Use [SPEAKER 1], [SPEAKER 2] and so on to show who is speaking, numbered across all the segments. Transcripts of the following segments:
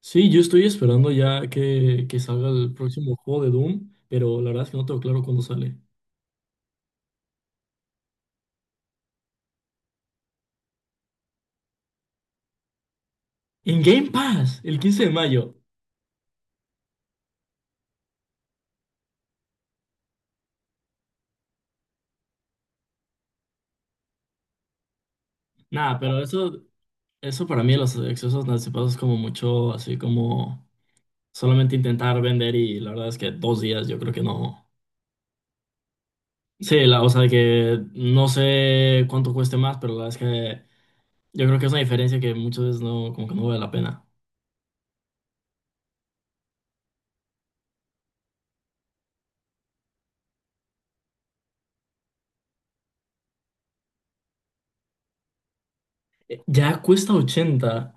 [SPEAKER 1] Sí, yo estoy esperando ya que salga el próximo juego de Doom, pero la verdad es que no tengo claro cuándo sale. En Game Pass, el 15 de mayo. Nada, pero eso para mí, los accesos anticipados es como mucho, así como solamente intentar vender y la verdad es que 2 días yo creo que no. Sí, o sea, que no sé cuánto cueste más, pero la verdad es que yo creo que es una diferencia que muchas veces no, como que no vale la pena. Ya cuesta 80.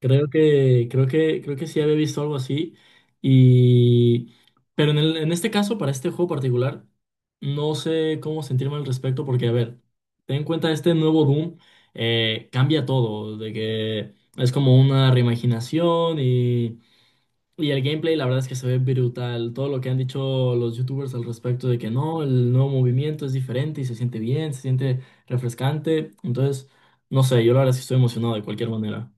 [SPEAKER 1] Creo que sí había visto algo así. Y. Pero en este caso, para este juego particular, no sé cómo sentirme al respecto, porque, a ver, ten en cuenta este nuevo Doom, cambia todo, de que es como una reimaginación y. Y el gameplay, la verdad es que se ve brutal. Todo lo que han dicho los youtubers al respecto de que no, el nuevo movimiento es diferente y se siente bien, se siente refrescante. Entonces, no sé, yo la verdad es que estoy emocionado de cualquier manera.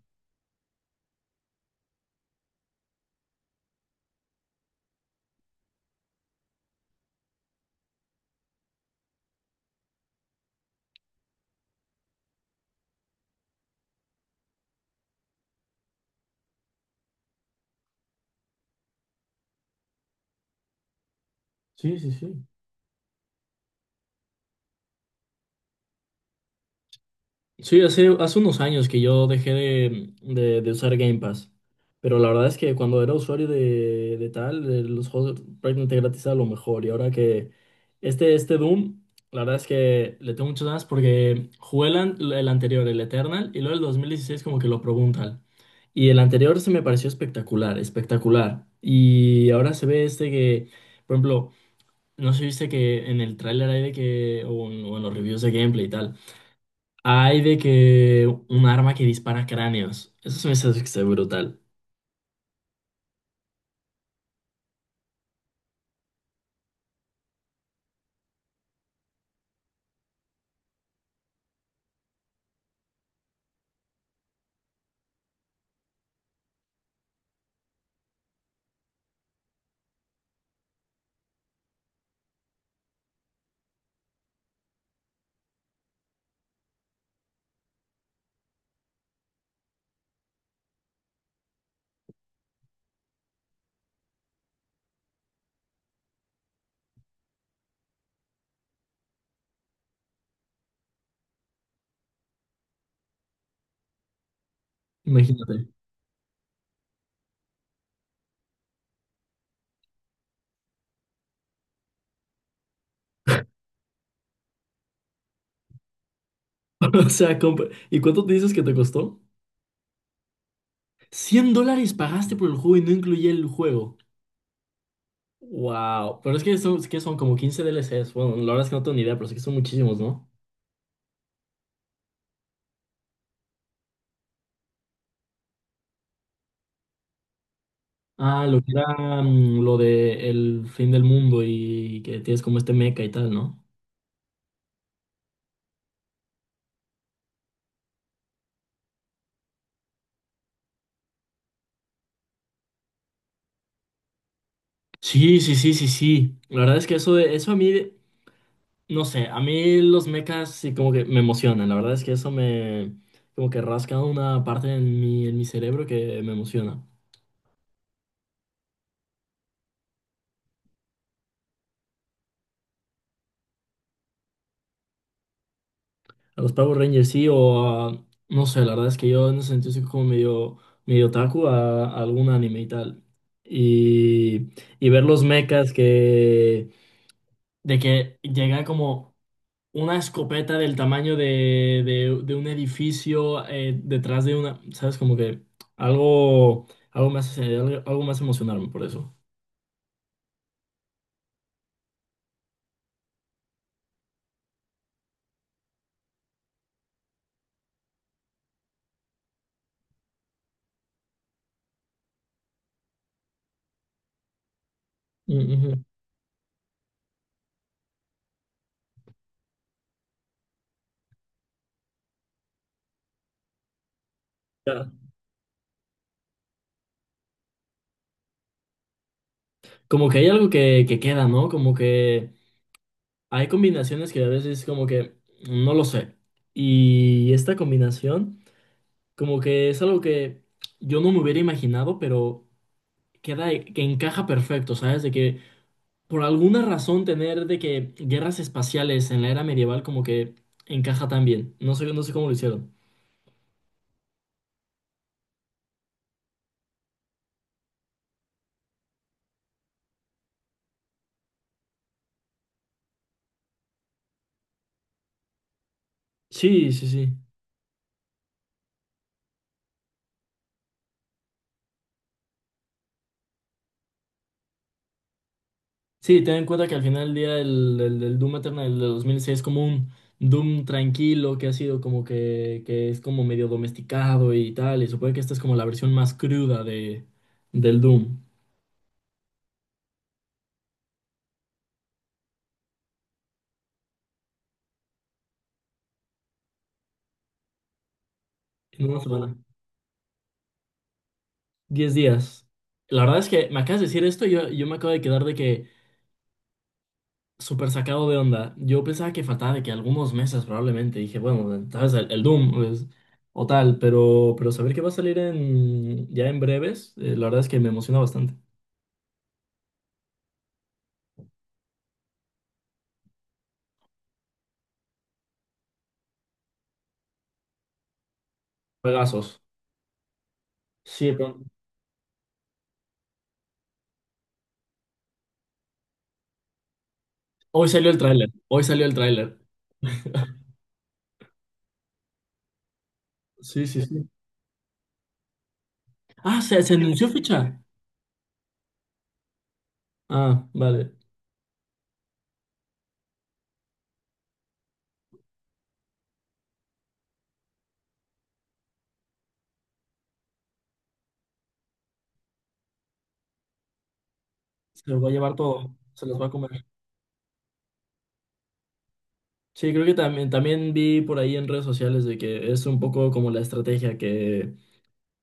[SPEAKER 1] Sí, sí, sí. Sí, hace unos años que yo dejé de usar Game Pass, pero la verdad es que cuando era usuario de tal, de los juegos prácticamente gratis era lo mejor, y ahora que este Doom, la verdad es que le tengo muchas ganas porque jugué el anterior, el Eternal, y luego el 2016 como que lo probé un tal, y el anterior se me pareció espectacular, espectacular, y ahora se ve este que, por ejemplo, no sé si viste que en el tráiler hay de que, o en los reviews de gameplay y tal. Hay de que un arma que dispara cráneos. Eso se me hace que está brutal. Imagínate. O sea, ¿Y cuánto te dices que te costó? $100 pagaste por el juego y no incluía el juego. Wow. Pero es que son, como 15 DLCs. Bueno, la verdad es que no tengo ni idea, pero sé que son muchísimos, ¿no? Ah, lo que era lo de el fin del mundo y que tienes como este mecha y tal, ¿no? Sí, sí, sí, sí, sí. La verdad es que eso, eso a mí. No sé, a mí los mechas sí como que me emocionan. La verdad es que eso me como que rasca una parte en mi cerebro que me emociona. A los Power Rangers sí, no sé, la verdad es que yo en ese sentido soy como medio, medio otaku a algún anime y tal. Y, y ver los mechas que de que llegan como una escopeta del tamaño de un edificio detrás de una, ¿sabes? Como que algo más, algo más emocionarme por eso. Mm, ujú. Ya. Como que hay algo que queda, ¿no? Como que hay combinaciones que a veces como que no lo sé. Y esta combinación como que es algo que yo no me hubiera imaginado, pero queda, que encaja perfecto, ¿sabes? De que por alguna razón tener de que guerras espaciales en la era medieval como que encaja tan bien. No sé, no sé cómo lo hicieron. Sí, sí, sí. Sí, ten en cuenta que al final del día el Doom Eternal del 2006 es como un Doom tranquilo que ha sido como que es como medio domesticado y tal. Y supongo que esta es como la versión más cruda del Doom. En una semana. 10 días. La verdad es que me acabas de decir esto y yo me acabo de quedar de que. Súper sacado de onda. Yo pensaba que faltaba de que algunos meses probablemente. Dije, bueno, tal vez el Doom pues, o tal, pero saber que va a salir ya en breves, la verdad es que me emociona bastante. Juegazos. Sí, pero. Hoy salió el tráiler. Hoy salió el tráiler. Sí, sí, sí. Ah, ¿se anunció fecha? Ah, vale. Se los va a llevar todo. Se los va a comer. Sí, creo que también, también vi por ahí en redes sociales de que es un poco como la estrategia que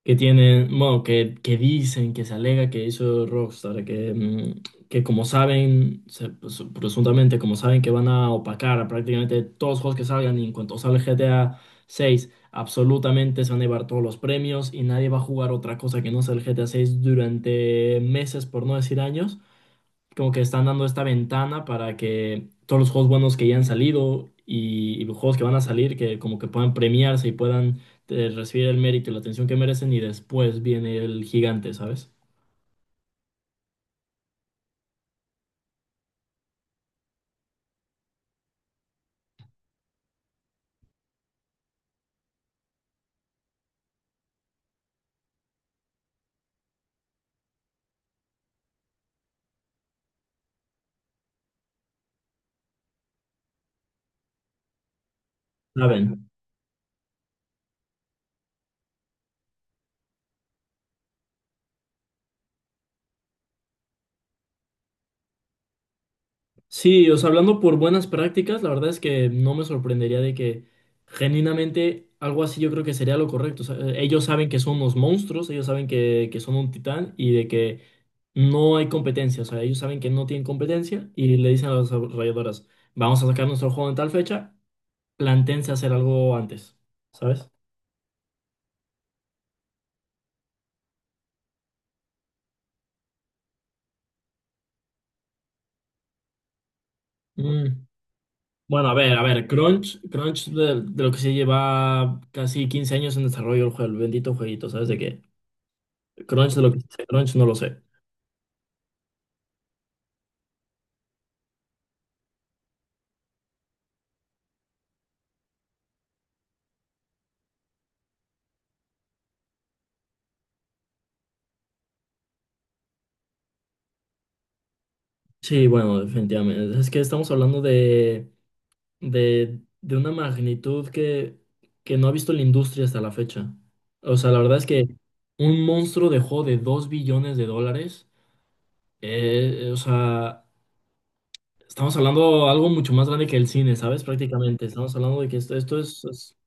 [SPEAKER 1] que tienen, bueno, que dicen, que se alega que hizo Rockstar, que, que como saben, pues, presuntamente como saben que van a opacar a prácticamente todos los juegos que salgan y en cuanto sale GTA 6, absolutamente se van a llevar todos los premios y nadie va a jugar otra cosa que no sea el GTA 6 durante meses, por no decir años, como que están dando esta ventana para que todos los juegos buenos que ya han salido y los juegos que van a salir, que como que puedan premiarse y puedan recibir el mérito y la atención que merecen y después viene el gigante, ¿sabes? Saben. Sí, o sea, hablando por buenas prácticas, la verdad es que no me sorprendería de que genuinamente algo así yo creo que sería lo correcto. O sea, ellos saben que son unos monstruos, ellos saben que son un titán y de que no hay competencia, o sea, ellos saben que no tienen competencia y le dicen a las desarrolladoras, vamos a sacar nuestro juego en tal fecha, plantéense hacer algo antes, ¿sabes? Mm, Bueno, a ver, Crunch, Crunch de lo que se lleva casi 15 años en desarrollo el juego, el bendito jueguito, ¿sabes de qué? Crunch de lo que dice Crunch no lo sé. Sí, bueno, definitivamente. Es que estamos hablando de una magnitud que no ha visto la industria hasta la fecha. O sea, la verdad es que un monstruo dejó de 2 billones de dólares. O sea, estamos hablando de algo mucho más grande que el cine, ¿sabes? Prácticamente. Estamos hablando de que esto es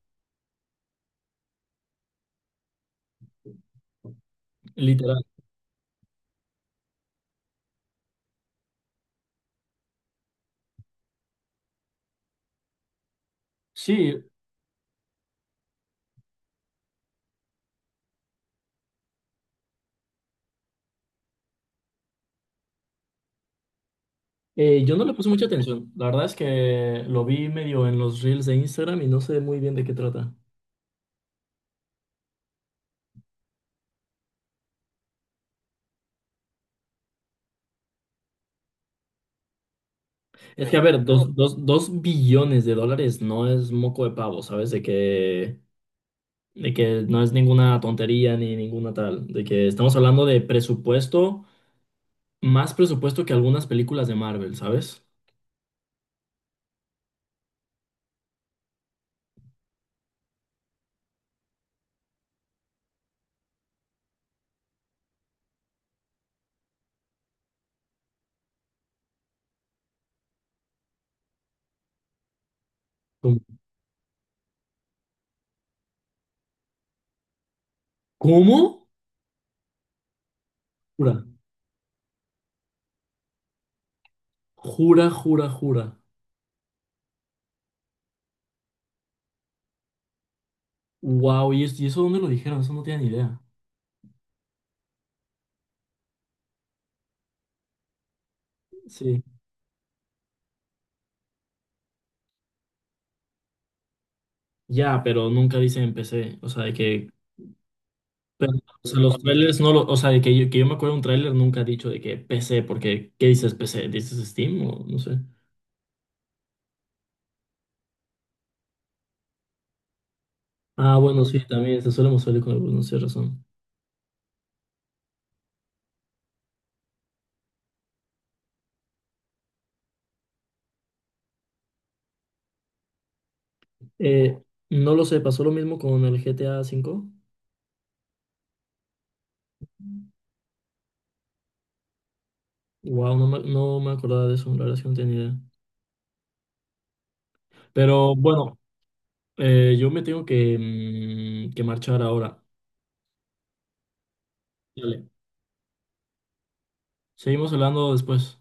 [SPEAKER 1] literal. Sí, yo no le puse mucha atención. La verdad es que lo vi medio en los reels de Instagram y no sé muy bien de qué trata. Es que, a ver, dos, dos, 2 billones de dólares no es moco de pavo, ¿sabes? De que no es ninguna tontería ni ninguna tal, de que estamos hablando de presupuesto, más presupuesto que algunas películas de Marvel, ¿sabes? Como- ¿Cómo? Jura, jura, jura, jura. Wow, ¿y eso dónde lo dijeron? Eso no tienen idea. Sí. Ya, pero nunca dice en PC, o sea, de que pero, o sea, los trailers no lo, o sea, de que yo me acuerdo de un trailer nunca ha dicho de que PC, porque ¿qué dices PC? ¿Dices Steam o no sé? Ah, bueno, sí, también se suele mostrar con el no sé razón. Eh, no lo sé, pasó lo mismo con el GTA 5. Wow, no me acordaba de eso, la verdad es que no tenía idea. Pero bueno, yo me tengo que marchar ahora. Dale. Seguimos hablando después.